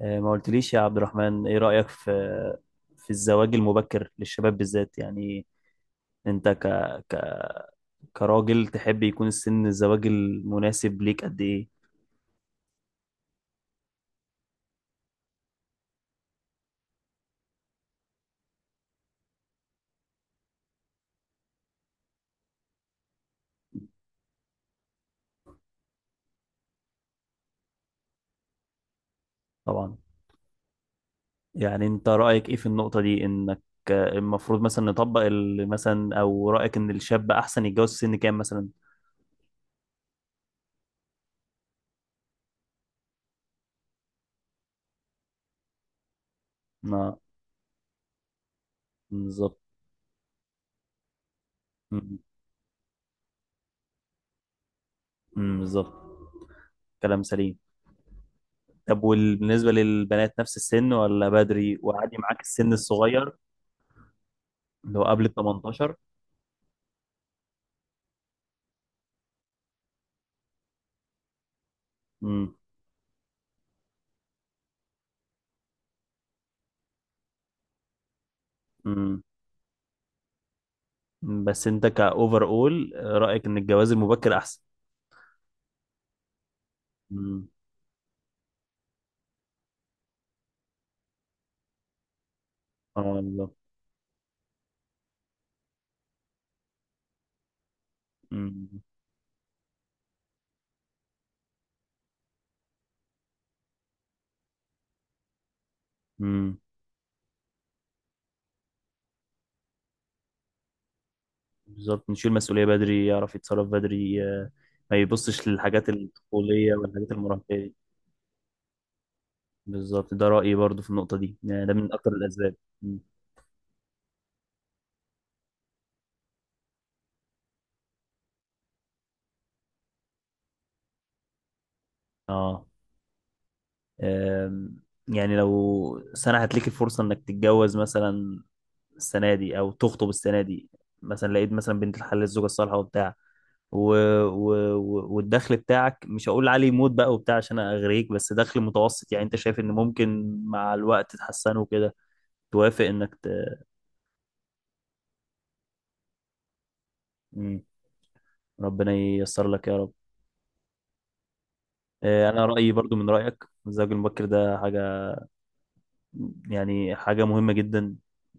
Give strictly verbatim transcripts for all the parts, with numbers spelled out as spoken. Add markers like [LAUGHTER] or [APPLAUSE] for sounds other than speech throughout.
آه، ما قلتليش يا عبد الرحمن ايه رأيك في في الزواج المبكر للشباب بالذات؟ يعني انت ك... ك... كراجل تحب يكون السن الزواج المناسب ليك قد ايه؟ طبعا. يعني انت رأيك ايه في النقطة دي، انك آه، المفروض مثلا نطبق ال... مثلا، او رأيك ان الشاب احسن يتجوز في سن كام مثلا؟ ما بالظبط. م- م- بالظبط، كلام سليم. طب وبالنسبة للبنات نفس السن، ولا بدري وعادي معاك السن الصغير اللي هو قبل ال تمنتاشر؟ امم. مم. بس انت كاوفر اول، رايك ان الجواز المبكر احسن؟ امم. اه بالظبط. امم. امم، بالظبط. نشيل مسؤوليه بدري، يعرف يتصرف بدري، آه، ما يبصش للحاجات الطفوليه والحاجات المراهقيه دي. بالظبط، ده رايي برضو في النقطه دي، يعني ده من اكتر الاسباب. مم. اه. آم، يعني لو سنه هتليك الفرصه انك تتجوز مثلا السنه دي، او تخطب السنه دي، مثلا لقيت مثلا بنت الحلال الزوجه الصالحه وبتاع و... و... و- والدخل بتاعك مش هقول عليه موت بقى وبتاع عشان اغريك، بس دخل متوسط، يعني انت شايف ان ممكن مع الوقت تحسنه وكده، توافق انك ت... مم. ربنا ييسر لك يا رب. آه، انا رايي برضو من رايك، الزواج المبكر ده حاجه، يعني حاجة مهمة جدا.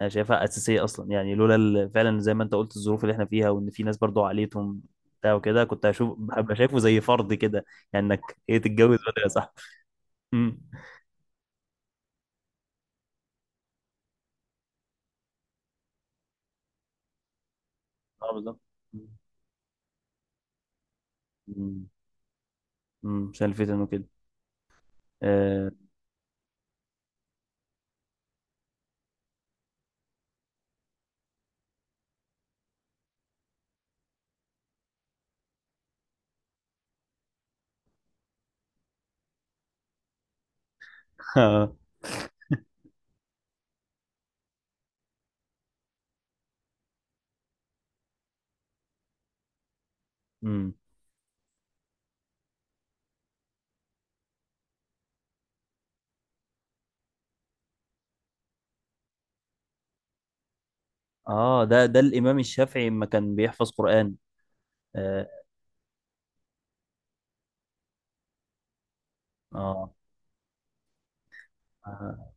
أنا شايفها أساسية أصلا، يعني لولا ال- فعلا زي ما أنت قلت الظروف اللي إحنا فيها، وإن في ناس برضو عليتهم بتاع وكده، كنت هشوف هبقى شايفه زي فرض كده. يعني إنك، إيه، تتجوز بدري يا صاحبي. أمم. أه بالظبط. أمم. أمم، عشان الفتن وكده. آه. [LAUGHS] أمم. آه، ده ده الإمام الشافعي لما كان بيحفظ قرآن. آه. آه. [LAUGHS] آه.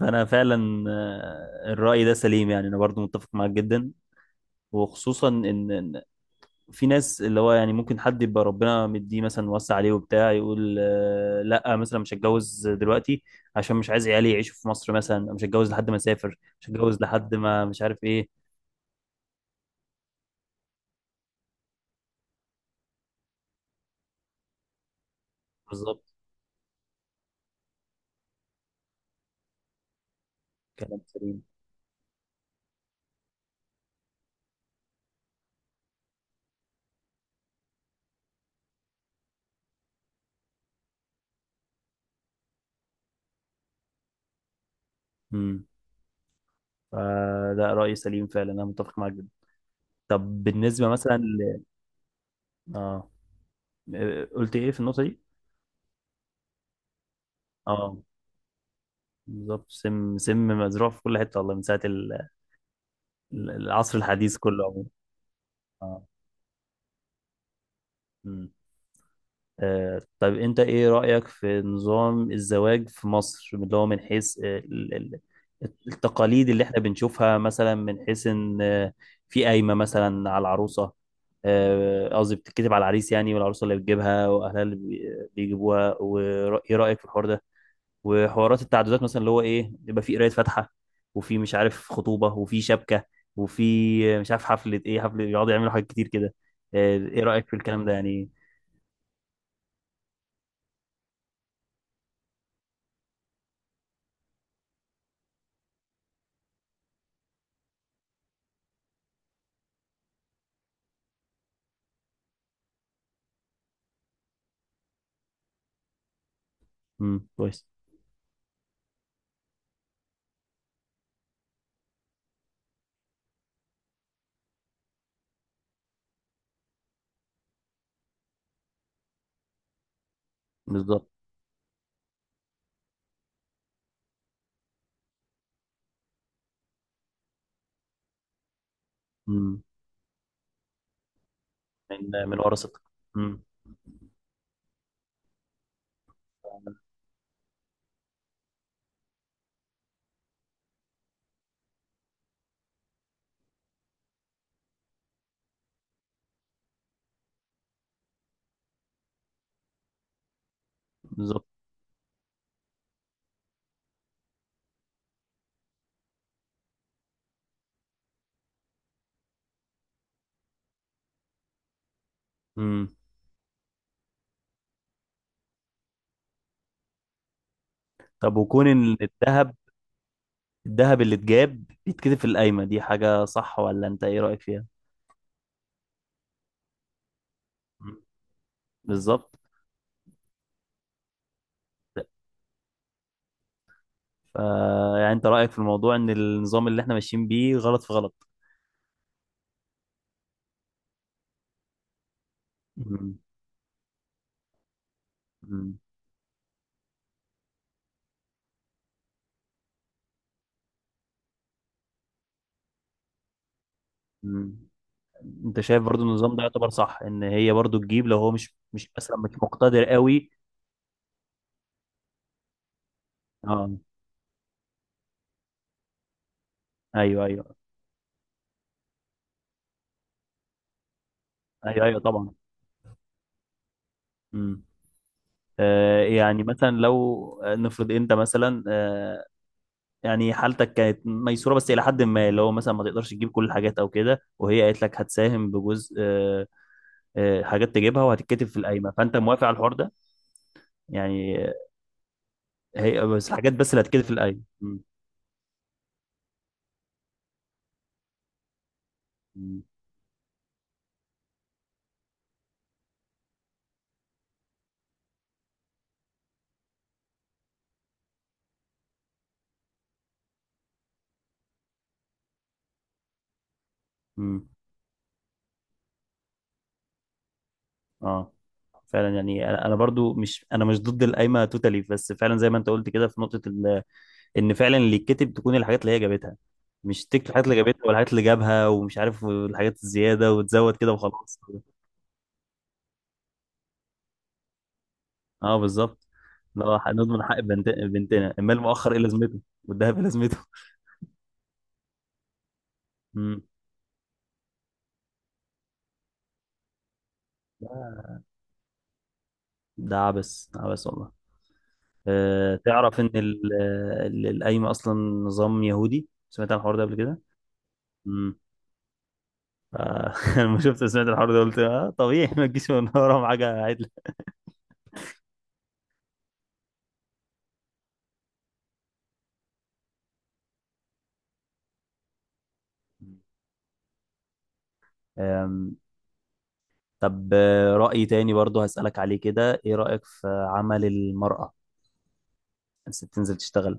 فأنا فعلا، آه، الرأي ده سليم، يعني أنا برضو متفق معاك جدا. وخصوصا ان إن في ناس اللي هو يعني ممكن حد يبقى ربنا مديه مثلا وسع عليه وبتاع، يقول آه، لا مثلا مش هتجوز دلوقتي عشان مش عايز عيالي يعيشوا في مصر، مثلا مش هتجوز لحد ما اسافر، مش هتجوز لحد ما مش عارف ايه. بالظبط، كلام سليم. امم. فده رأي سليم فعلا، انا متفق معاك جدا. طب بالنسبة مثلا ل... اه، آه، قلت ايه في النقطة دي؟ اه، بالظبط. سم سم مزروع في كل حتة والله، من ساعة ال- ال- العصر الحديث كله عموما. اه. مم. آه، طب انت ايه رأيك في نظام الزواج في مصر، اللي هو من حيث آه، ال- ال- التقاليد اللي احنا بنشوفها؟ مثلا من حيث ان آه، في قايمة مثلا على العروسة، آه، قصدي بتتكتب على العريس، يعني والعروسة اللي بتجيبها واهلها اللي بي- بيجيبوها، وايه رأيك في الحوار ده؟ وحوارات التعدادات مثلا، اللي هو ايه، يبقى في قراية فاتحة، وفي مش عارف خطوبة، وفي شبكة، وفي آه، مش عارف حفلة، ايه، حفلة يقعدوا يعملوا حاجات كتير كده. آه، ايه رأيك في الكلام ده يعني؟ امم كويس. بالظبط. مم. من من ورثة. مم. بالظبط. مم. طب، وكون إن الذهب، الذهب اللي اتجاب بيتكتب في القايمة دي، حاجة صح ولا أنت إيه رأيك فيها؟ مم. بالظبط. ف، يعني أنت رأيك في الموضوع إن النظام اللي إحنا ماشيين بيه غلط في غلط؟ مم. مم. مم. أنت شايف برضو النظام ده يعتبر صح، إن هي برضو تجيب لو هو مش مش مثلا مش مقتدر قوي؟ أه. أيوه أيوه. أيوه أيوه طبعا. مم. آه، يعني مثلا لو، آه، نفرض انت مثلا آه، يعني حالتك كانت ميسوره بس الى حد ما، اللي هو مثلا ما تقدرش تجيب كل الحاجات او كده، وهي قالت لك هتساهم بجزء، آه، آه، حاجات تجيبها وهتتكتب في القايمه، فانت موافق على الحوار ده؟ يعني آه، هي بس الحاجات بس اللي هتتكتب في القايمه. مم، مم، مم. اه فعلا، يعني انا أنا برضو مش، انا مش ضد القايمه توتالي، بس فعلا زي ما انت قلت كده في نقطه ال- ان فعلا اللي يتكتب تكون الحاجات اللي هي جابتها، مش تكتب الحاجات اللي جابتها والحاجات اللي جابها ومش عارف والحاجات الزياده، وتزود كده وخلاص. اه بالظبط. لو هنضمن حق بنت... بنتنا، المال مؤخر ايه لازمته، والذهب ايه لازمته. مم. ده عبس عبس والله. أه، تعرف ان ال- ال- القايمه اصلا نظام يهودي؟ سمعت عن الحوار ده قبل كده؟ امم. ف- [LAUGHS] لما شفت سمعت الحوار ده قلت اه طبيعي، ما تجيش من وراهم حاجه عدله. أم، طب آه، رأي تاني برضو هسألك عليه كده، ايه رأيك في عمل المرأة، الست تنزل تشتغل؟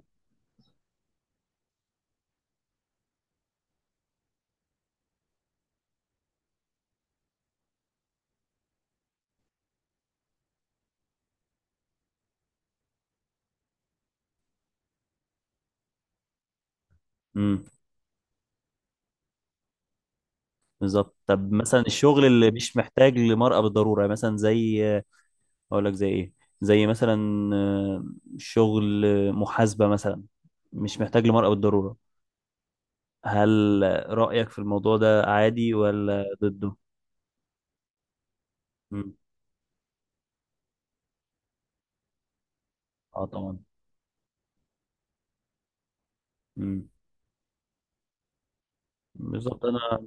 بالظبط. طب مثلا الشغل اللي مش محتاج لمرأة بالضرورة، يعني مثلا زي، اقول لك زي ايه، زي مثلا آه، شغل محاسبة مثلا، مش محتاج لمرأة بالضرورة، هل رأيك في الموضوع ده عادي ولا ضده؟ مم. اه طبعا. مم. بالظبط. انا،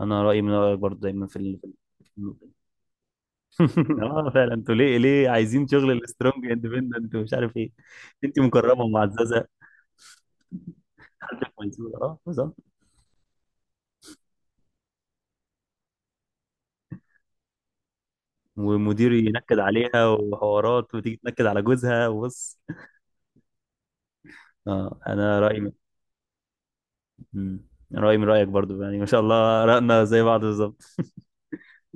انا رأيي من رأيك برضه دايما في ال... في النقطة دي. [LAUGHS] اه فعلا، انتوا ليه ليه عايزين شغل السترونج اندبندنت ومش عارف ايه؟ انت مكرمة ومعززة. حد في ميسورة. اه بالظبط. ومديري ينكد عليها، وحوارات، وتيجي تنكد على جوزها، وبص. اه، انا رايي من- مم. رايي من رايك برضو، يعني ما شاء الله راينا زي بعض بالظبط.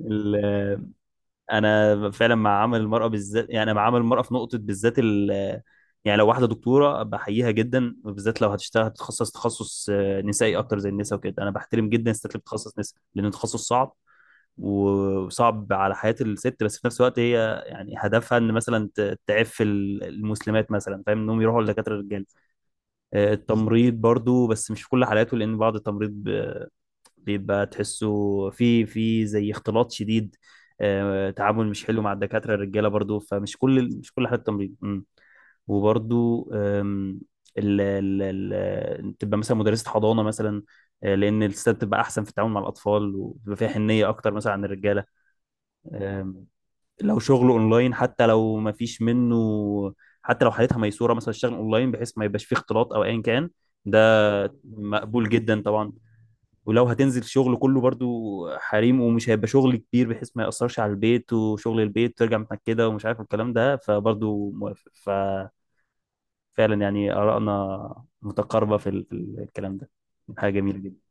ال- انا فعلا مع عمل المراه بالذات، يعني انا مع عمل المراه في نقطه بالذات ال- يعني لو واحده دكتوره، بحييها جدا، وبالذات لو هتشتغل هتتخصص تخصص آه، نسائي اكتر، زي النساء وكده. انا بحترم جدا الستات اللي بتتخصص نساء، لان التخصص صعب، وصعب على حياة الست، بس في نفس الوقت هي يعني هدفها ان مثلا ت- تعف ال- المسلمات مثلا، فاهم، انهم يروحوا لدكاترة الرجال. آه، التمريض برضو، بس مش في كل حالاته، لان بعض التمريض ب- بيبقى تحسه في في زي اختلاط شديد، آه، تعامل مش حلو مع الدكاترة الرجالة برضو، فمش كل، مش كل حالة تمريض. مم. وبرضو آم، ال ال ال تبقى مثلا مدرسة حضانة مثلا، آه، لأن الستات بتبقى أحسن في التعامل مع الأطفال، وبتبقى فيها حنية أكتر مثلا عن الرجالة. لو شغله اونلاين، حتى لو ما فيش منه، حتى لو حالتها ميسوره مثلا، الشغل اونلاين بحيث ما يبقاش فيه اختلاط او ايا كان، ده مقبول جدا طبعا. ولو هتنزل شغل كله برضو حريم، ومش هيبقى شغل كبير بحيث ما يأثرش على البيت وشغل البيت، ترجع متأكدة ومش عارف الكلام ده، فبرضو موافق. ففعلا يعني آرائنا متقاربة في ال- في الكلام ده، حاجة جميلة جدا.